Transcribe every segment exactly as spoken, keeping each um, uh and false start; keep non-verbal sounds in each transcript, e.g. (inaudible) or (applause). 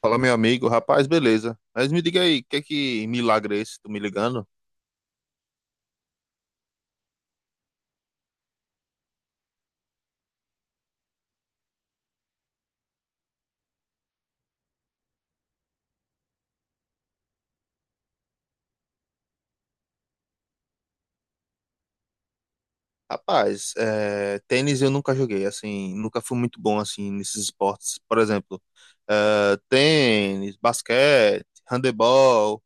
Fala, meu amigo, rapaz, beleza. Mas me diga aí, que é que milagre é esse? Tu me ligando? Rapaz, é, tênis eu nunca joguei, assim, nunca fui muito bom, assim, nesses esportes. Por exemplo, é, tênis, basquete, handebol.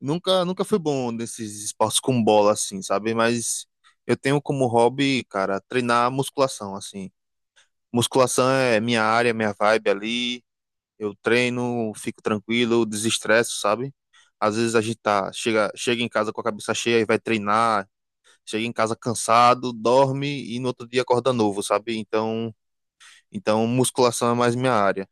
Nunca, nunca fui bom nesses esportes com bola, assim, sabe? Mas eu tenho como hobby, cara, treinar musculação, assim. Musculação é minha área, minha vibe ali. Eu treino, fico tranquilo, desestresso, sabe? Às vezes a gente tá, chega, chega em casa com a cabeça cheia e vai treinar, chega em casa cansado, dorme e no outro dia acorda novo, sabe? Então, então musculação é mais minha área.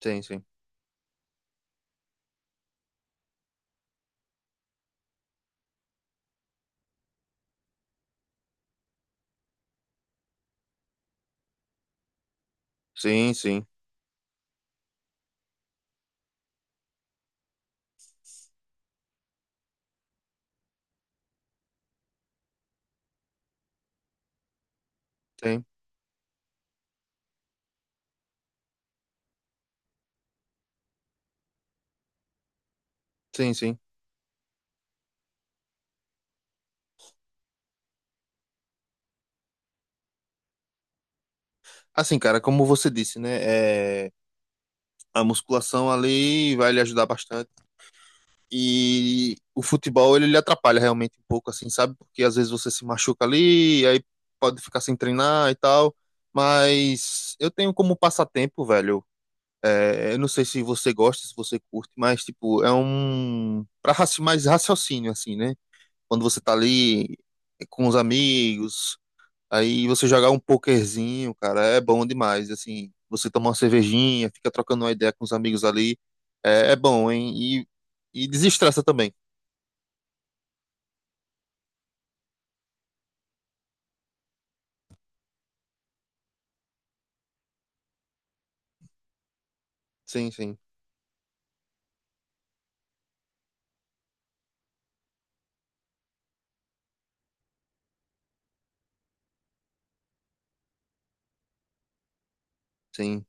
Sim, sim. Sim, sim. Tem. Sim, sim. Assim, cara, como você disse, né? É, a musculação ali vai lhe ajudar bastante. E o futebol ele lhe atrapalha realmente um pouco, assim, sabe? Porque às vezes você se machuca ali, aí pode ficar sem treinar e tal. Mas eu tenho como passatempo, velho. É, eu não sei se você gosta, se você curte, mas tipo, é um para mais raciocínio assim, né? Quando você tá ali com os amigos, aí você jogar um pokerzinho, cara, é bom demais, assim. Você tomar uma cervejinha, fica trocando uma ideia com os amigos ali, é, é bom, hein? E, e desestressa também. Sim, sim, sim.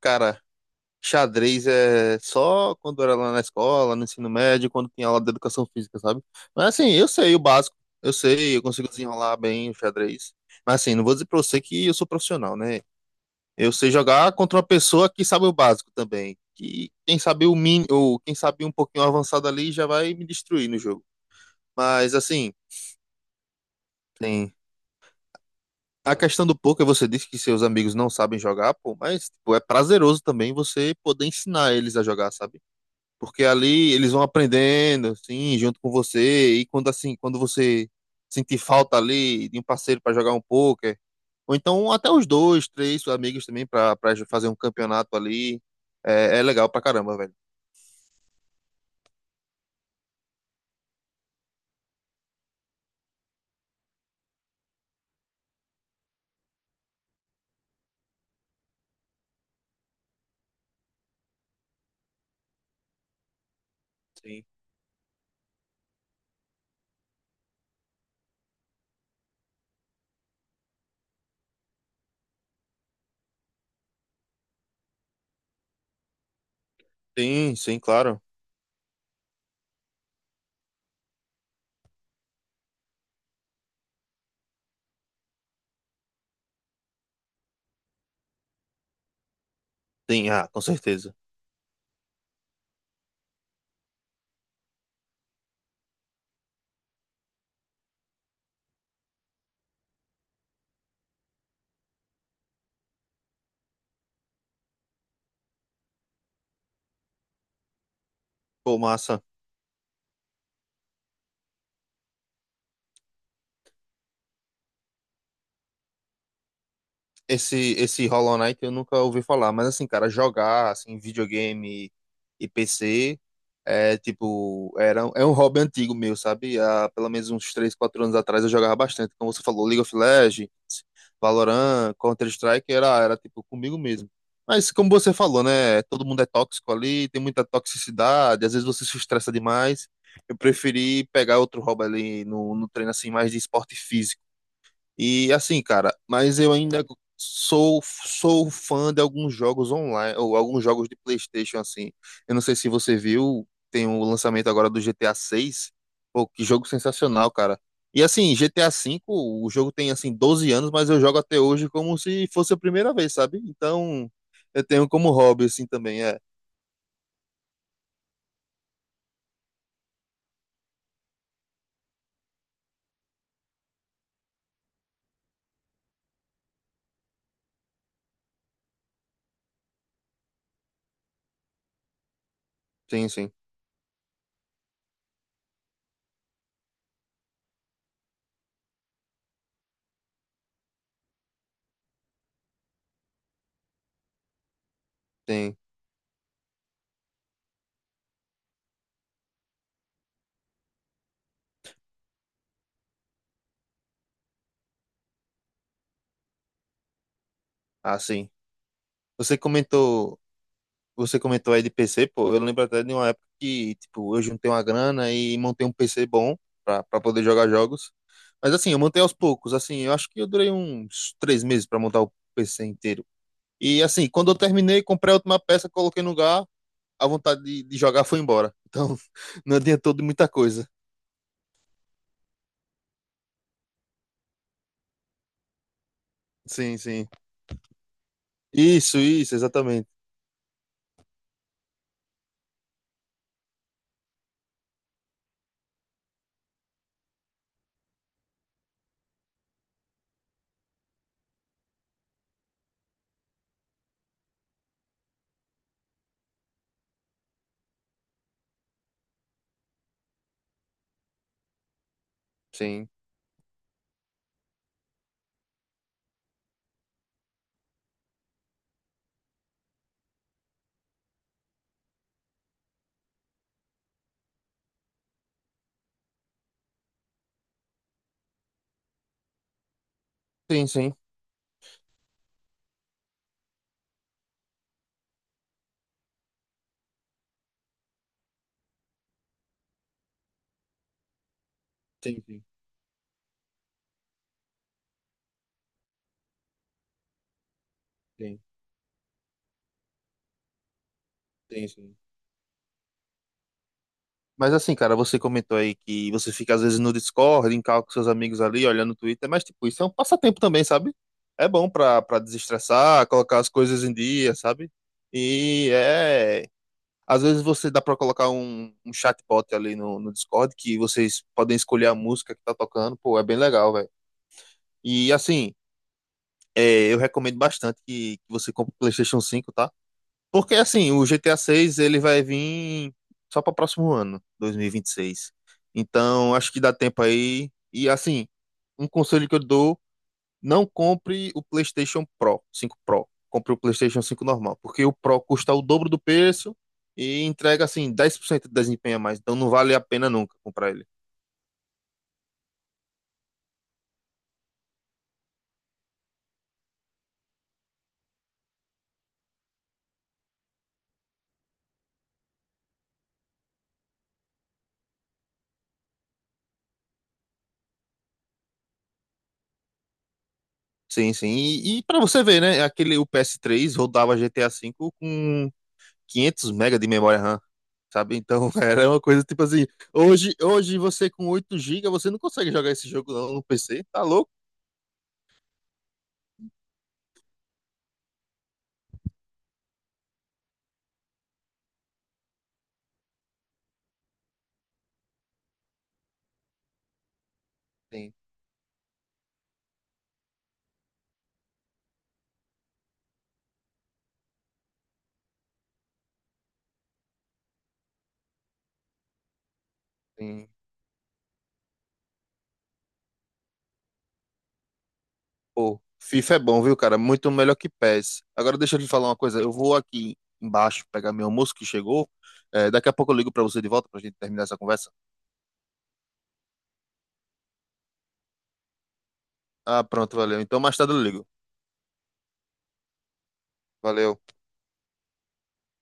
Cara, xadrez é só quando era lá na escola, no ensino médio, quando tinha aula de educação física, sabe? Mas assim, eu sei o básico, eu sei, eu consigo desenrolar bem o xadrez. Mas assim, não vou dizer pra você que eu sou profissional, né? Eu sei jogar contra uma pessoa que sabe o básico também. Que quem sabe o mínimo, ou quem sabe um pouquinho avançado ali já vai me destruir no jogo. Mas assim, sim. A questão do poker, você disse que seus amigos não sabem jogar, pô, mas tipo, é prazeroso também você poder ensinar eles a jogar, sabe? Porque ali eles vão aprendendo, assim, junto com você, e quando assim, quando você sentir falta ali de um parceiro para jogar um poker, ou então até os dois, três amigos também para para fazer um campeonato ali, é, é legal pra caramba, velho. Sim. Sim, sim, claro. Tem, ah, com certeza. Pô, massa. Esse, esse Hollow Knight eu nunca ouvi falar, mas assim, cara, jogar assim, videogame e P C é tipo, era, é um hobby antigo meu, sabe? Há pelo menos uns três quatro anos atrás eu jogava bastante. Como você falou, League of Legends, Valorant, Counter-Strike, era, era tipo comigo mesmo. Mas como você falou, né? Todo mundo é tóxico ali, tem muita toxicidade, às vezes você se estressa demais. Eu preferi pegar outro hobby ali no, no treino assim, mais de esporte físico e assim, cara, mas eu ainda sou sou fã de alguns jogos online, ou alguns jogos de PlayStation assim. Eu não sei se você viu, tem o lançamento agora do G T A seis. Pô, que jogo sensacional, cara. E assim, G T A cinco, o jogo tem assim doze anos, mas eu jogo até hoje como se fosse a primeira vez, sabe? Então, eu tenho como hobby assim também, é. Sim, sim, tem. Ah, sim. Você comentou Você comentou aí de P C, pô, eu lembro até de uma época que, tipo, eu juntei uma grana e montei um P C bom pra, pra poder jogar jogos. Mas assim, eu montei aos poucos, assim, eu acho que eu durei uns três meses pra montar o P C inteiro. E assim, quando eu terminei, comprei a última peça, coloquei no lugar, a vontade de, de jogar foi embora. Então, (laughs) não adiantou de muita coisa. Sim, sim. Isso, isso, exatamente. Sim, sim, sim. Sim, sim, sim, sim, sim. Mas assim, cara, você comentou aí que você fica às vezes no Discord, em call com seus amigos ali, olhando o Twitter, mas tipo, isso é um passatempo também, sabe? É bom pra, pra desestressar, colocar as coisas em dia, sabe? E é. Às vezes você dá pra colocar um, um chatbot ali no, no Discord que vocês podem escolher a música que tá tocando, pô, é bem legal, velho. E assim, é, eu recomendo bastante que, que você compre o PlayStation cinco, tá? Porque assim, o G T A seis ele vai vir só para o próximo ano, dois mil e vinte e seis. Então, acho que dá tempo aí. E assim, um conselho que eu dou, não compre o PlayStation Pro, cinco Pro. Compre o PlayStation cinco normal, porque o Pro custa o dobro do preço e entrega assim dez por cento de desempenho a mais. Então não vale a pena nunca comprar ele. Sim, sim. E, e para você ver, né, aquele o P S três rodava G T A cinco com quinhentos mega de memória RAM, sabe? Então (laughs) era uma coisa tipo assim, hoje, hoje você com oito gigas, você não consegue jogar esse jogo não no P C, tá louco? Tem, tem. Pô, FIFA é bom, viu, cara? Muito melhor que PES. Agora deixa eu lhe falar uma coisa, eu vou aqui embaixo pegar meu almoço que chegou, é, daqui a pouco eu ligo pra você de volta pra gente terminar essa conversa. Ah, pronto, valeu. Então mais tarde eu ligo. Valeu.